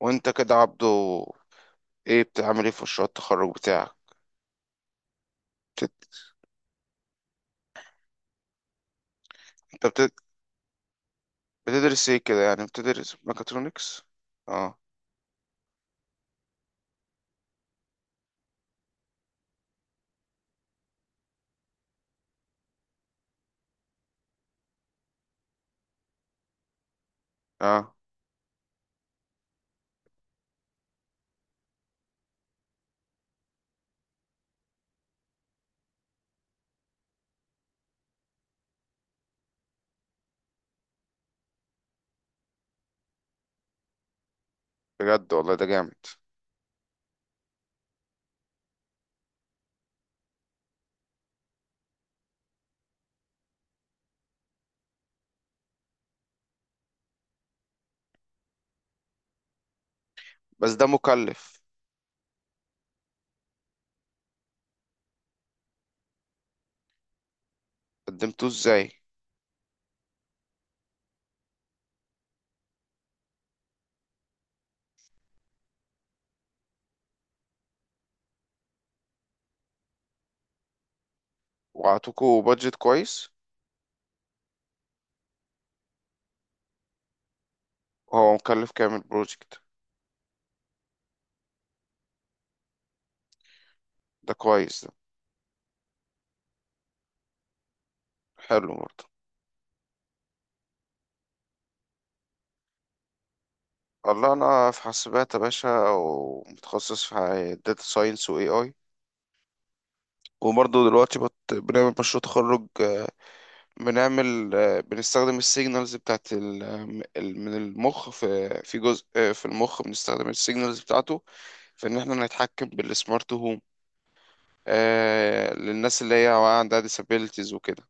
وانت كده عبده، ايه بتعمل ايه في مشروع التخرج بتاعك؟ بتد... انت بتد... بتدرس ايه كده؟ يعني بتدرس ميكاترونكس؟ اه اه. بجد والله ده جامد. بس ده مكلف. قدمتوه ازاي؟ وعطوكوا بادجت كويس؟ وهو مكلف كام البروجكت؟ ده كويس ده. حلو برضه. والله انا في حاسبات يا باشا، ومتخصص في داتا ساينس واي اي. وبرضه دلوقتي بنعمل مشروع تخرج. بنعمل، بنستخدم السيجنالز بتاعت من المخ، في جزء، في المخ بنستخدم السيجنالز بتاعته في ان احنا نتحكم بالسمارت هوم. آه، للناس اللي هي عندها disabilities وكده.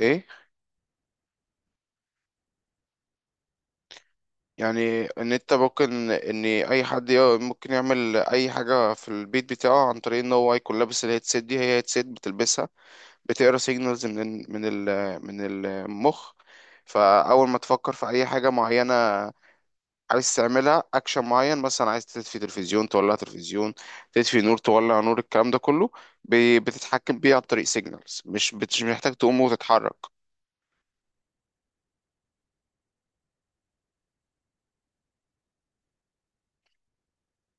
ايه؟ يعني ان انت ممكن ان اي حد ممكن يعمل اي حاجه في البيت بتاعه عن طريق ان هو يكون لابس الهيدسيت. دي هي هيدسيت بتلبسها، بتقرا سيجنالز من ال، من المخ. فاول ما تفكر في اي حاجه معينه عايز تعملها، اكشن معين مثلا، عايز تطفي تلفزيون، تولع تلفزيون، تطفي نور، تولع نور، الكلام ده كله بتتحكم بيه عن طريق سيجنالز. مش محتاج تقوم وتتحرك.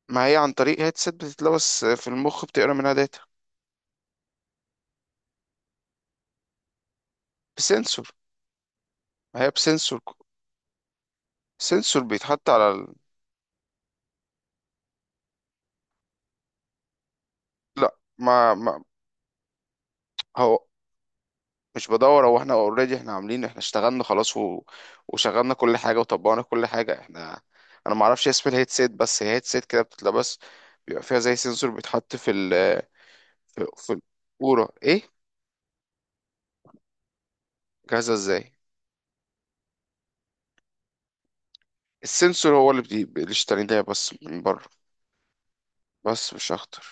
ما هي عن طريق هيدسет بتتلبس في المخ، بتقرا منها داتا. بسنسور. ما هي بسنسور. سنسور بيتحط على ال... لا، ما. هو مش بدور، هو احنا اوريدي احنا عاملين، احنا اشتغلنا خلاص، وشغلنا كل حاجه وطبقنا كل حاجه احنا. انا ما اعرفش اسم الهيدسيت، بس هي هيدسيت كده بتتلبس، بيبقى فيها زي سنسور بيتحط في ال، في القوره. ايه؟ جاهزه ازاي؟ السنسور هو اللي اشتريناه بس من بره. بس مش اخطر.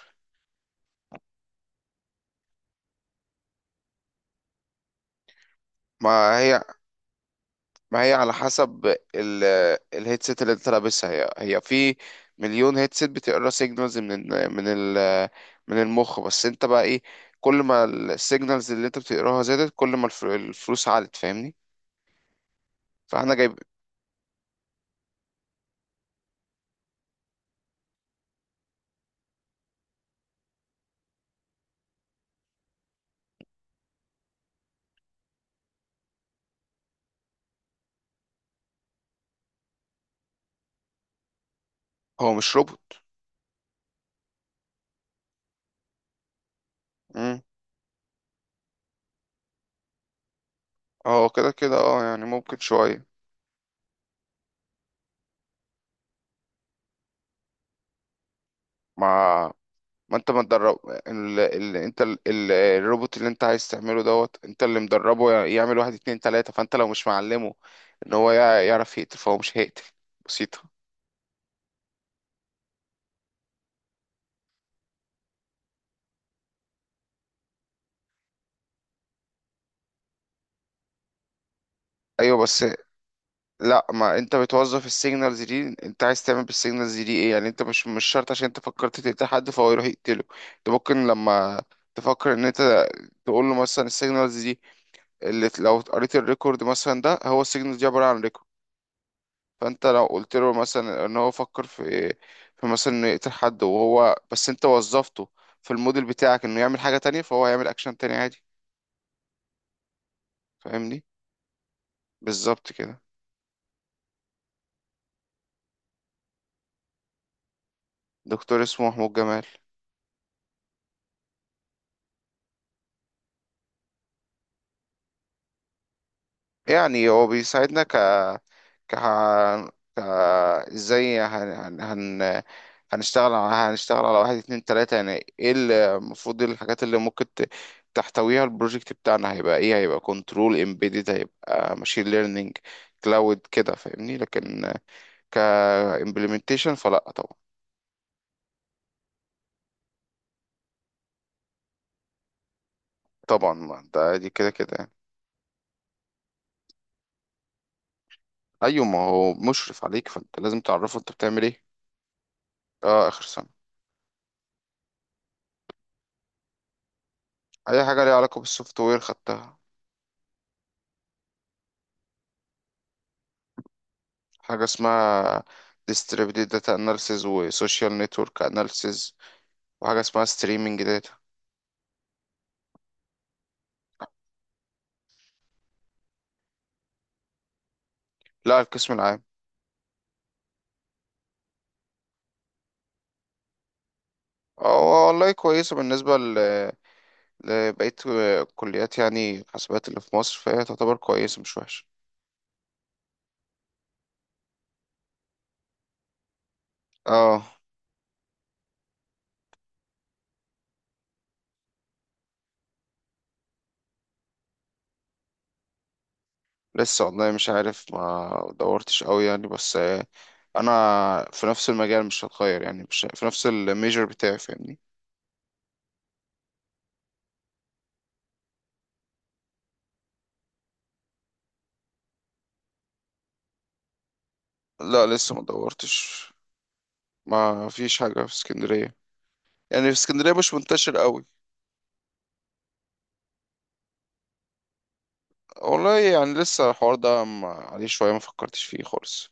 ما هي ما هي على حسب ال، الهيدسيت اللي انت لابسها. هي في مليون هيدسيت بتقرا سيجنالز من ال من المخ، بس انت بقى ايه؟ كل ما السيجنالز اللي انت بتقراها زادت، كل ما الفلوس عالت، فاهمني؟ فاحنا جايب. هو مش روبوت. امم هو كده كده اه، يعني ممكن شوية. ما ما انت ما تدرب ال... ال... انت ال... ال... الروبوت اللي انت عايز تعمله دوت، انت اللي مدربه يعمل واحد اتنين تلاتة، فانت لو مش معلمه ان هو يعرف يقتل، فهو مش هيقتل. بسيطة. ايوه بس، لا ما انت بتوظف السيجنالز دي، انت عايز تعمل بالسيجنالز دي ايه، يعني انت مش شرط عشان انت فكرت تقتل حد فهو يروح يقتله. انت ممكن لما تفكر ان انت تقول له مثلا السيجنالز دي، اللي لو قريت الريكورد مثلا ده، هو السيجنالز دي عباره عن ريكورد. فانت لو قلت له مثلا ان هو فكر في، في مثلا انه يقتل حد، وهو بس انت وظفته في الموديل بتاعك انه يعمل حاجه تانية، فهو هيعمل اكشن تاني عادي. فاهمني؟ بالظبط كده. دكتور اسمه محمود جمال. يعني هو بيساعدنا ك ك ك ازاي هن... هن... هن... هنشتغل على هنشتغل على واحد اتنين تلاتة، يعني ايه المفروض ايه الحاجات اللي ممكن تحتويها البروجكت بتاعنا. هيبقى ايه؟ هيبقى كنترول امبيدد، هيبقى ماشين ليرنينج، كلاود كده، فاهمني؟ لكن ك implementation فلا طبعا. طبعا، ما ده دي كده كده يعني. ايوه، ما هو مشرف عليك فانت لازم تعرفه انت بتعمل ايه. اه، اخر سنة. اي حاجة ليها علاقة بالسوفت وير خدتها. حاجة اسمها distributed data analysis و social network analysis، وحاجة اسمها streaming data. لا، القسم العام. اه والله كويسة، بالنسبة لبقية كليات، يعني حاسبات اللي في مصر فهي تعتبر كويسة، مش وحشة. اه. لسه والله مش عارف، ما دورتش قوي يعني، بس انا في نفس المجال مش هتغير، يعني مش في نفس الميجر بتاعي، فاهمني؟ لا لسه ما دورتش. ما فيش حاجة في اسكندرية، يعني في اسكندرية مش منتشر قوي. والله يعني لسه الحوار ده عليه شوية، ما فكرتش فيه خالص.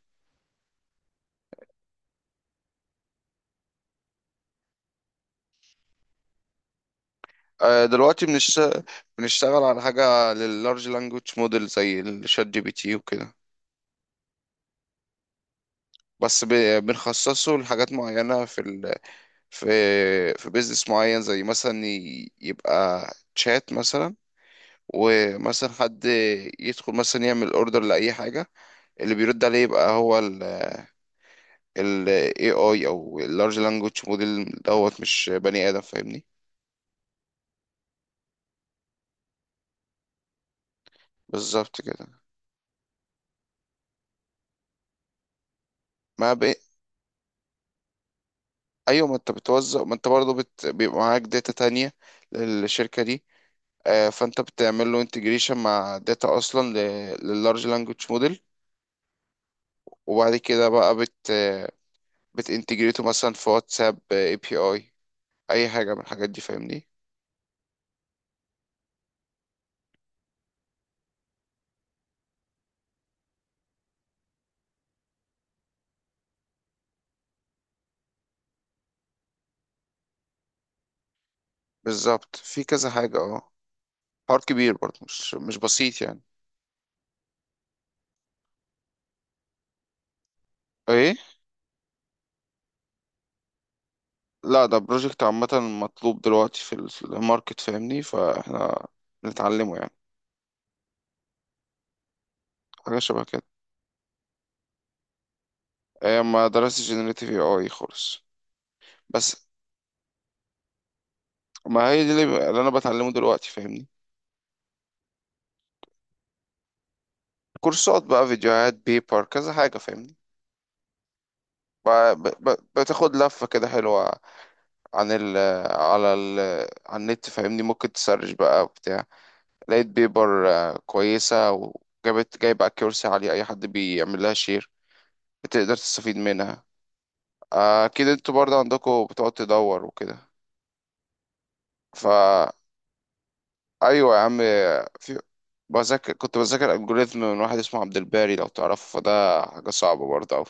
دلوقتي بنشتغل على حاجة لللارج لانجوج موديل زي الشات جي بي تي وكده. بس ب... بنخصصه لحاجات معينة في ال... في في بيزنس معين، زي مثلا يبقى تشات مثلا، ومثلا حد يدخل مثلا يعمل اوردر لأي حاجة، اللي بيرد عليه يبقى هو ال AI او اللارج لانجوج موديل دوت، مش بني آدم، فاهمني؟ بالظبط كده. ما ب... ايوه، ما انت بتوزع، ما انت برضه بيبقى معاك داتا تانية للشركة دي، آه، فانت بتعمل له انتجريشن مع داتا اصلا لللارج لانجوج موديل، وبعد كده بقى بتنتجريته مثلا في واتساب اي بي اي، اي حاجة من الحاجات دي، فاهمني؟ بالظبط، في كذا حاجة. اه، حوار كبير برضه، مش بسيط يعني. ايه؟ لا ده بروجكت عامة، مطلوب دلوقتي في الماركت، فاهمني؟ فاحنا بنتعلمه يعني. حاجة شبه كده. آه، ما درستش جنريتيف اي اي خالص. بس ما هي دي اللي انا بتعلمه دلوقتي، فاهمني؟ كورسات بقى، فيديوهات، بيبر، كذا حاجة، فاهمني؟ ب- بتاخد لفة كده حلوة عن ال، على ال، على النت، فاهمني؟ ممكن تسرش بقى بتاع، لقيت بيبر، كويسة، جايب اكيورسي عالية، اي حد بيعمل لها شير بتقدر تستفيد منها. آه، اكيد انتوا برضه عندكم بتقعد تدور وكده. فا ايوه يا عم. في بذاكر، كنت بذاكر الجوريثم من واحد اسمه عبد الباري، لو تعرفه فده حاجة صعبة برضه.